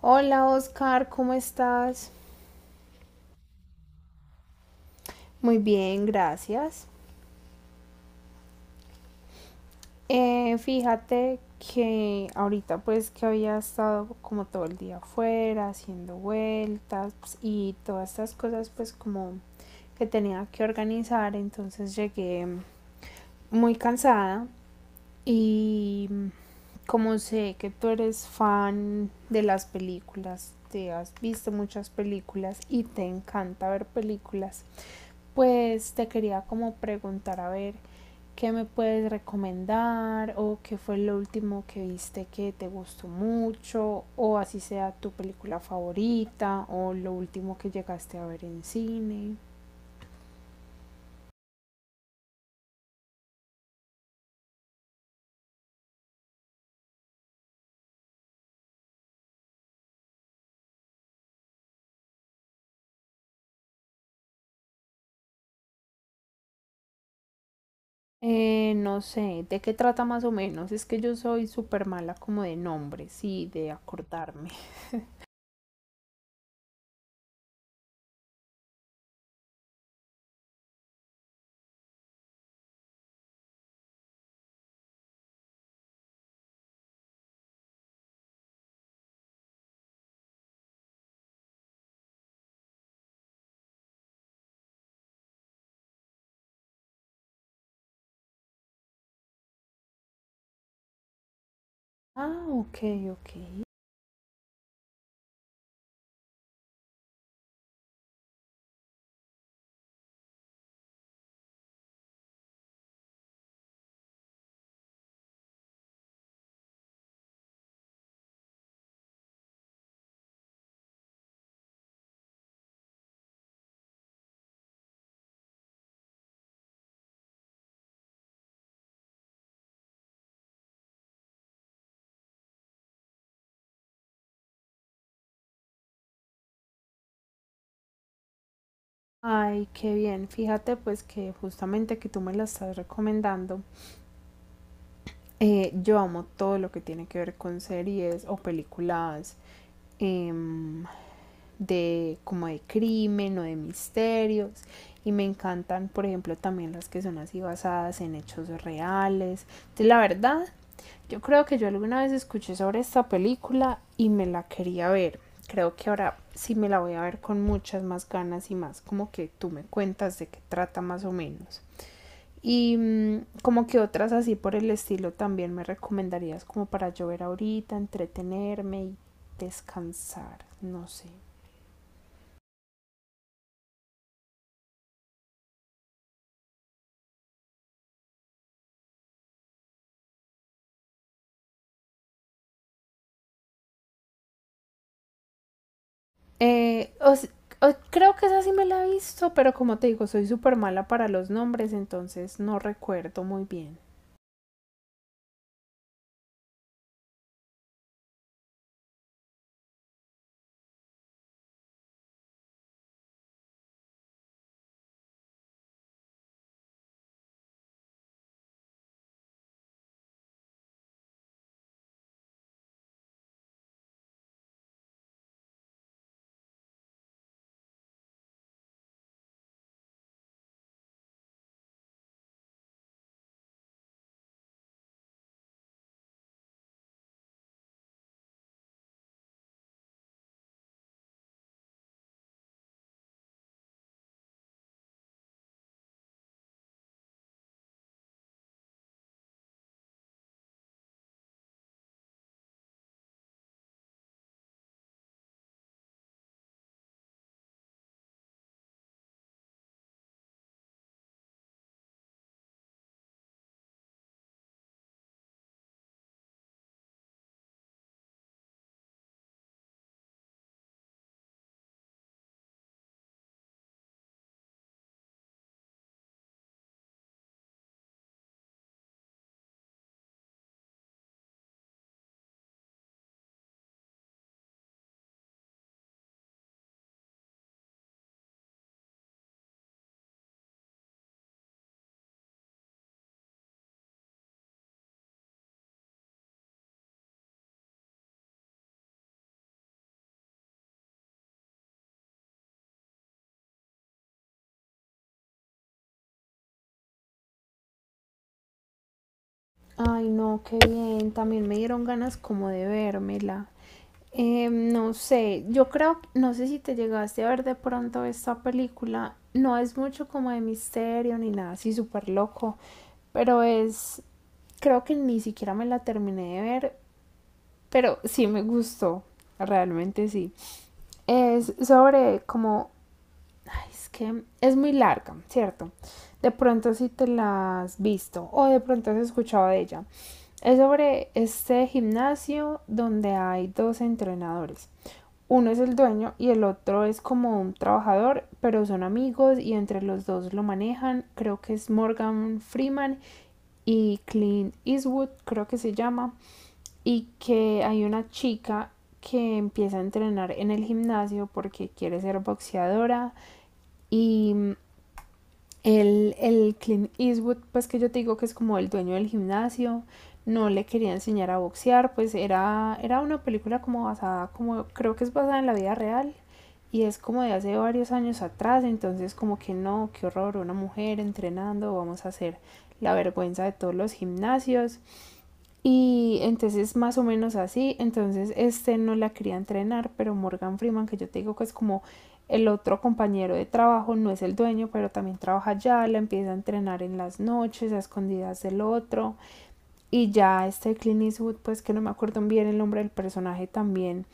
Hola Oscar, ¿cómo estás? Muy bien, gracias. Fíjate que ahorita pues que había estado como todo el día afuera haciendo vueltas pues, y todas estas cosas pues como que tenía que organizar, entonces llegué muy cansada y como sé que tú eres fan de las películas, te has visto muchas películas y te encanta ver películas. Pues te quería como preguntar a ver qué me puedes recomendar o qué fue lo último que viste que te gustó mucho o así sea tu película favorita o lo último que llegaste a ver en cine. No sé, ¿de qué trata más o menos? Es que yo soy súper mala como de nombres y de acordarme. Ah, ok, ok. Ay, qué bien. Fíjate pues que justamente que tú me la estás recomendando. Yo amo todo lo que tiene que ver con series o películas em, de como de crimen o de misterios y me encantan, por ejemplo, también las que son así basadas en hechos reales. Entonces la verdad, yo creo que yo alguna vez escuché sobre esta película y me la quería ver. Creo que ahora sí me la voy a ver con muchas más ganas y más como que tú me cuentas de qué trata más o menos. Y como que otras así por el estilo también me recomendarías como para yo ver ahorita, entretenerme y descansar, no sé. Eh, o s- Creo que esa sí me la he visto, pero como te digo, soy súper mala para los nombres, entonces no recuerdo muy bien. Ay, no, qué bien, también me dieron ganas como de vérmela. No sé, yo creo, no sé si te llegaste a ver de pronto esta película, no es mucho como de misterio ni nada así súper loco, pero es, creo que ni siquiera me la terminé de ver, pero sí me gustó, realmente sí. Es sobre como, ay, es que es muy larga, ¿cierto? De pronto si te la has visto o de pronto has escuchado de ella. Es sobre este gimnasio donde hay dos entrenadores, uno es el dueño y el otro es como un trabajador, pero son amigos y entre los dos lo manejan. Creo que es Morgan Freeman y Clint Eastwood, creo que se llama. Y que hay una chica que empieza a entrenar en el gimnasio porque quiere ser boxeadora y el Clint Eastwood, pues que yo te digo que es como el dueño del gimnasio, no le quería enseñar a boxear, pues era una película como basada, como creo que es basada en la vida real y es como de hace varios años atrás, entonces como que no, qué horror, una mujer entrenando, vamos a hacer la vergüenza de todos los gimnasios y entonces más o menos así, entonces este no la quería entrenar, pero Morgan Freeman, que yo te digo que es como el otro compañero de trabajo, no es el dueño, pero también trabaja allá, la empieza a entrenar en las noches, a escondidas del otro. Y ya este Clint Eastwood, pues que no me acuerdo bien el nombre del personaje también,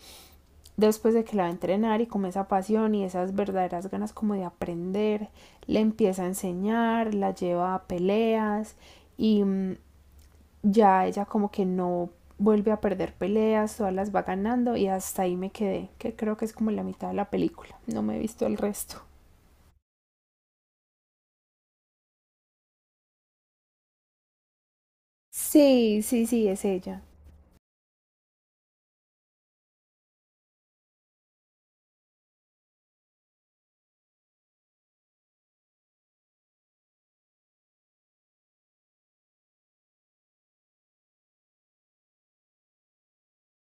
después de que la va a entrenar y con esa pasión y esas verdaderas ganas como de aprender, le empieza a enseñar, la lleva a peleas y ya ella como que no vuelve a perder peleas, todas las va ganando y hasta ahí me quedé, que creo que es como la mitad de la película, no me he visto el resto. Sí, sí, sí, es ella.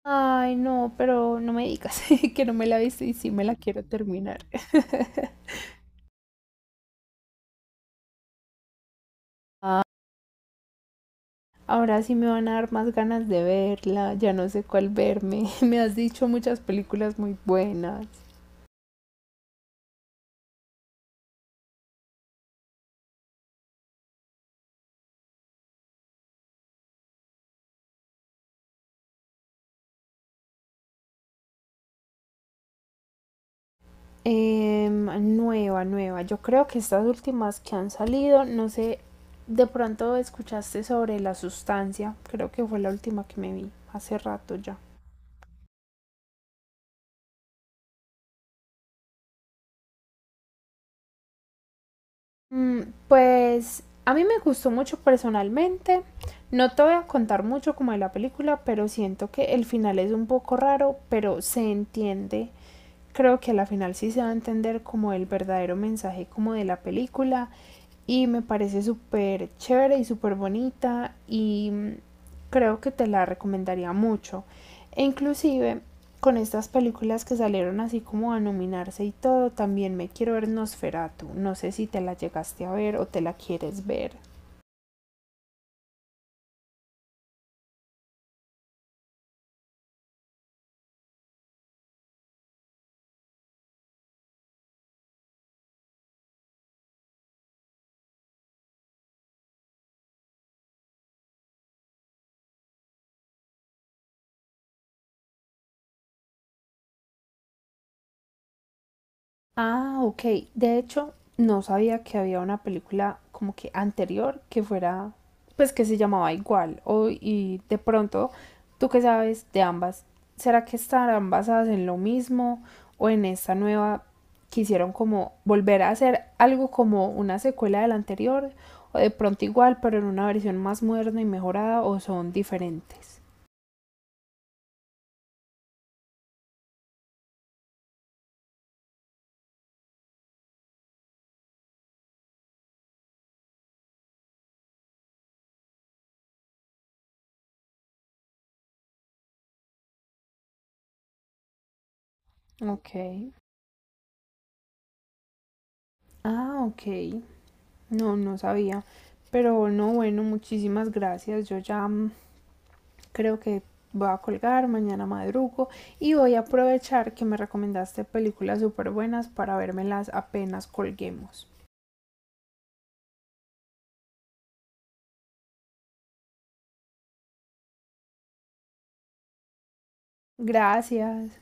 Ay, no, pero no me digas que no me la he visto y sí me la quiero terminar. Ah, ahora sí me van a dar más ganas de verla, ya no sé cuál verme. Me has dicho muchas películas muy buenas. Em, Nueva, nueva. Yo creo que estas últimas que han salido, no sé, de pronto escuchaste sobre la sustancia. Creo que fue la última que me vi hace rato ya. Mm, pues a mí me gustó mucho personalmente. No te voy a contar mucho como de la película, pero siento que el final es un poco raro, pero se entiende, creo que a la final sí se va a entender como el verdadero mensaje como de la película y me parece súper chévere y súper bonita y creo que te la recomendaría mucho. E inclusive con estas películas que salieron así como a nominarse y todo, también me quiero ver Nosferatu. No sé si te la llegaste a ver o te la quieres ver. Ah, ok. De hecho, no sabía que había una película como que anterior que fuera, pues que se llamaba igual. O, y de pronto, ¿tú qué sabes de ambas? ¿Será que estarán basadas en lo mismo o en esta nueva quisieron como volver a hacer algo como una secuela de la anterior? O de pronto igual, pero en una versión más moderna y mejorada o son diferentes. Ok. Ah, ok. No, no sabía. Pero no, bueno, muchísimas gracias. Yo ya creo que voy a colgar, mañana madrugo y voy a aprovechar que me recomendaste películas súper buenas para vérmelas apenas colguemos. Gracias.